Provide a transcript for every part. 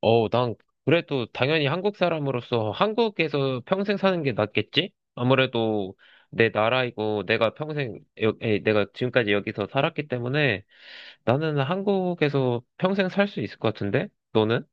난 그래도 당연히 한국 사람으로서 한국에서 평생 사는 게 낫겠지? 아무래도 내 나라이고 내가 평생, 내가 지금까지 여기서 살았기 때문에 나는 한국에서 평생 살 수 있을 것 같은데? 너는?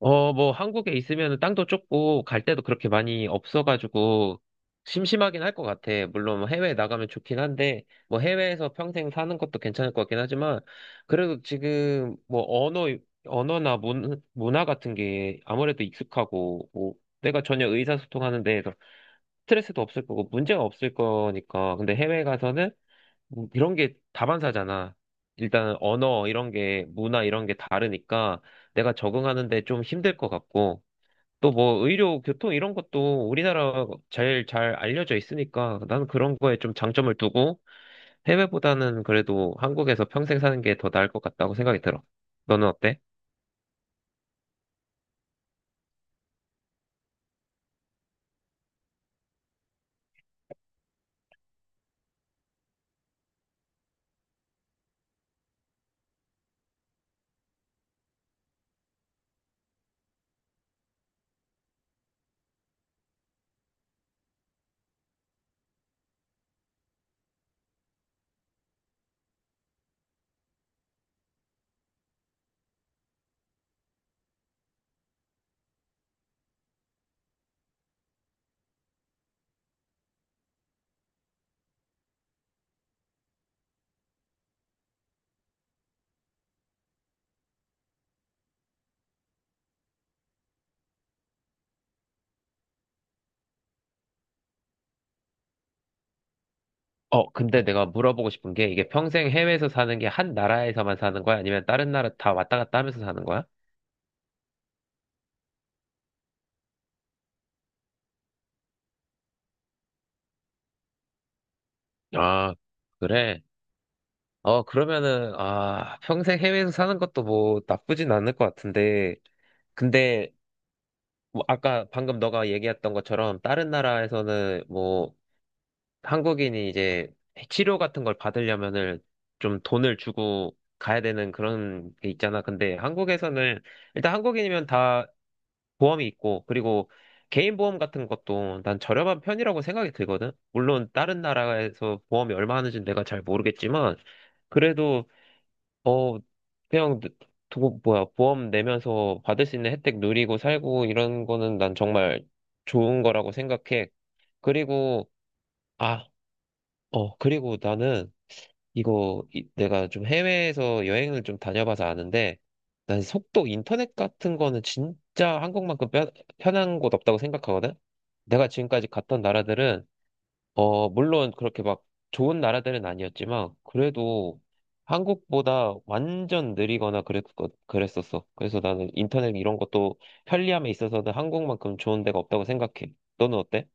뭐, 한국에 있으면 땅도 좁고, 갈 데도 그렇게 많이 없어가지고, 심심하긴 할 것 같아. 물론, 뭐 해외에 나가면 좋긴 한데, 뭐, 해외에서 평생 사는 것도 괜찮을 것 같긴 하지만, 그래도 지금, 뭐, 언어나 문화 같은 게 아무래도 익숙하고, 뭐, 내가 전혀 의사소통하는 데에서 스트레스도 없을 거고, 문제가 없을 거니까. 근데 해외에 가서는 뭐 이런 게 다반사잖아. 일단은 언어 이런 게 문화 이런 게 다르니까 내가 적응하는데 좀 힘들 것 같고 또 뭐 의료 교통 이런 것도 우리나라 제일 잘 알려져 있으니까 나는 그런 거에 좀 장점을 두고 해외보다는 그래도 한국에서 평생 사는 게 더 나을 것 같다고 생각이 들어. 너는 어때? 근데 내가 물어보고 싶은 게 이게 평생 해외에서 사는 게 한 나라에서만 사는 거야? 아니면 다른 나라 다 왔다 갔다 하면서 사는 거야? 아, 그래. 그러면은, 아, 평생 해외에서 사는 것도 뭐 나쁘진 않을 것 같은데, 근데, 뭐 아까 방금 너가 얘기했던 것처럼, 다른 나라에서는 뭐, 한국인이 이제 치료 같은 걸 받으려면은 좀 돈을 주고 가야 되는 그런 게 있잖아. 근데 한국에서는, 일단 한국인이면 다 보험이 있고, 그리고 개인 보험 같은 것도 난 저렴한 편이라고 생각이 들거든? 물론 다른 나라에서 보험이 얼마 하는지는 내가 잘 모르겠지만, 그래도 어, 그냥, 두고, 뭐야, 보험 내면서 받을 수 있는 혜택 누리고 살고 이런 거는 난 정말 좋은 거라고 생각해. 그리고, 아, 그리고 나는 내가 좀 해외에서 여행을 좀 다녀봐서 아는데 난 속도 인터넷 같은 거는 진짜 한국만큼 편 편한 곳 없다고 생각하거든? 내가 지금까지 갔던 나라들은 물론 그렇게 막 좋은 나라들은 아니었지만, 그래도 한국보다 완전 느리거나 그랬었어. 그래서 나는 인터넷 이런 것도 편리함에 있어서는 한국만큼 좋은 데가 없다고 생각해. 너는 어때?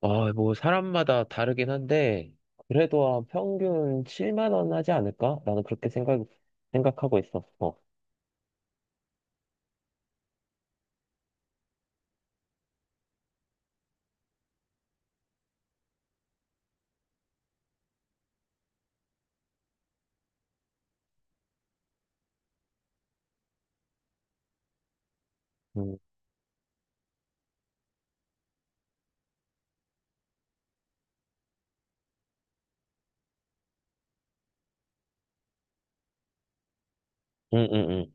아 뭐 사람마다 다르긴 한데, 그래도 한 평균 7만 원 하지 않을까? 나는 그렇게 생각하고 있었어. 음, 음, 음,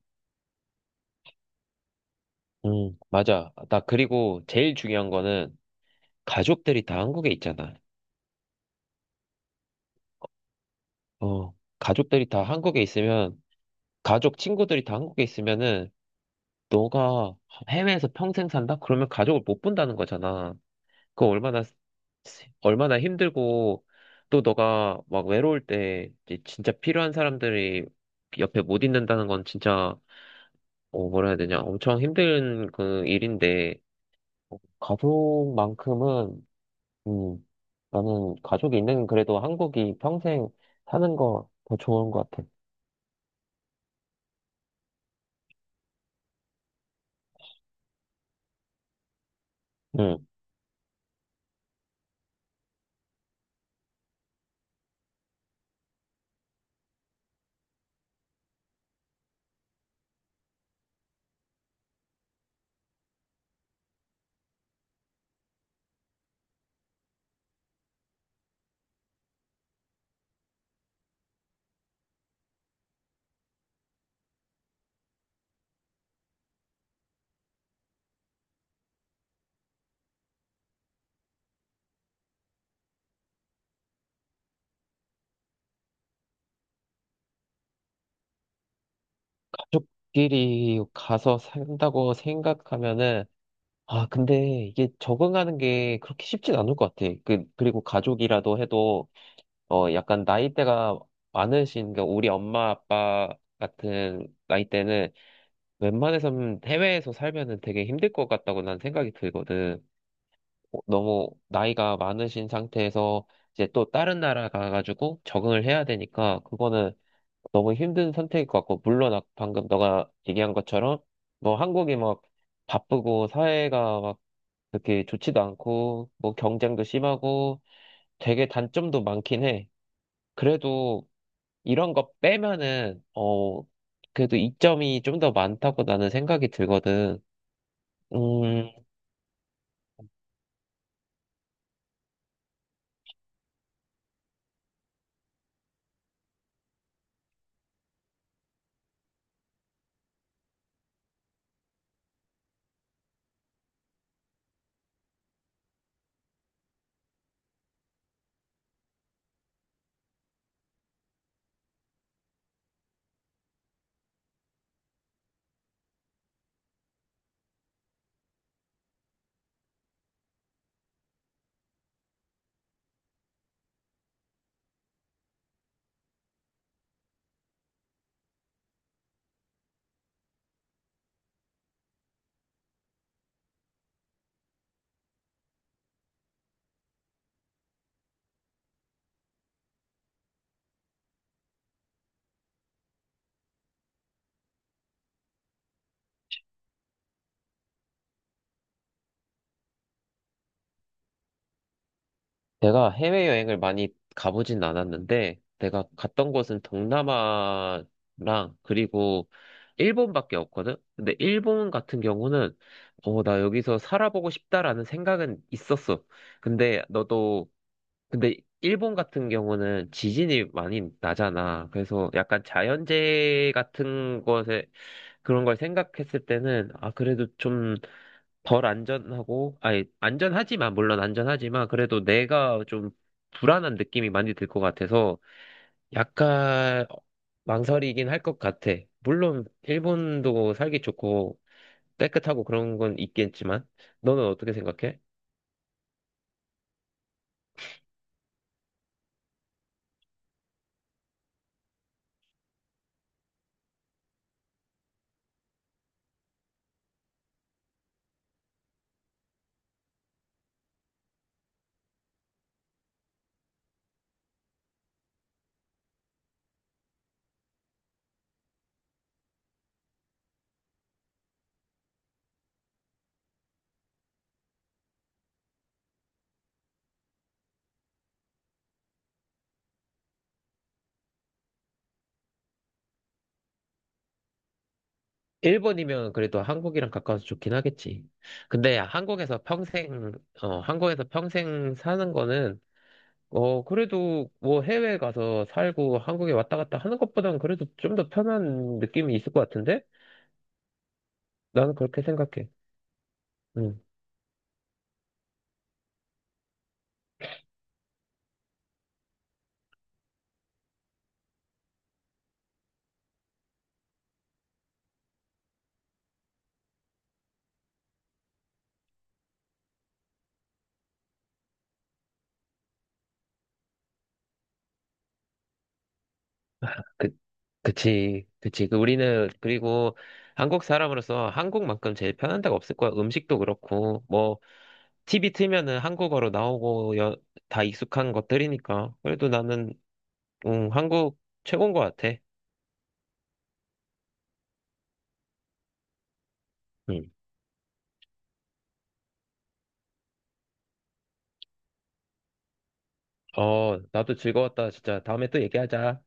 맞아. 나 그리고 제일 중요한 거는 가족들이 다 한국에 있잖아. 어, 가족들이 다 한국에 있으면 가족 친구들이 다 한국에 있으면은 너가 해외에서 평생 산다? 그러면 가족을 못 본다는 거잖아. 그거 얼마나 힘들고 또 너가 막 외로울 때 이제 진짜 필요한 사람들이 옆에 못 있는다는 건 진짜 어, 뭐라 해야 되냐 엄청 힘든 그 일인데 가족만큼은 음 나는 가족이 있는 그래도 한국이 평생 사는 거 더 좋은 것 같아. 음. 가족끼리 가서 산다고 생각하면은, 아, 근데 이게 적응하는 게 그렇게 쉽진 않을 것 같아. 그, 그리고 가족이라도 해도, 약간 나이대가 많으신, 그 우리 엄마, 아빠 같은 나이대는 웬만해서는 해외에서 살면은 되게 힘들 것 같다고 난 생각이 들거든. 너무 나이가 많으신 상태에서 이제 또 다른 나라 가가지고 적응을 해야 되니까, 그거는 너무 힘든 선택일 것 같고, 물론 방금 너가 얘기한 것처럼, 뭐 한국이 막 바쁘고, 사회가 막 그렇게 좋지도 않고, 뭐 경쟁도 심하고, 되게 단점도 많긴 해. 그래도 이런 거 빼면은, 그래도 이점이 좀 더 많다고 나는 생각이 들거든. 음, 내가 해외여행을 많이 가보진 않았는데, 내가 갔던 곳은 동남아랑 그리고 일본밖에 없거든? 근데 일본 같은 경우는, 나 여기서 살아보고 싶다라는 생각은 있었어. 근데 너도 근데 일본 같은 경우는 지진이 많이 나잖아. 그래서 약간 자연재해 같은 것에 그런 걸 생각했을 때는 아 그래도 좀 덜 안전하고 아니 안전하지만 물론 안전하지만 그래도 내가 좀 불안한 느낌이 많이 들 것 같아서 약간 망설이긴 할 것 같아. 물론 일본도 살기 좋고 깨끗하고 그런 건 있겠지만 너는 어떻게 생각해? 일본이면 그래도 한국이랑 가까워서 좋긴 하겠지. 근데 한국에서 평생 사는 거는, 그래도 뭐 해외 가서 살고 한국에 왔다 갔다 하는 것보단 그래도 좀 더 편한 느낌이 있을 것 같은데? 나는 그렇게 생각해. 응. 그, 그치. 그 우리는, 그리고 한국 사람으로서 한국만큼 제일 편한 데가 없을 거야. 음식도 그렇고, 뭐, TV 틀면은 한국어로 나오고, 여, 다 익숙한 것들이니까. 그래도 나는 응, 한국 최고인 것 같아. 응. 나도 즐거웠다. 진짜 다음에 또 얘기하자.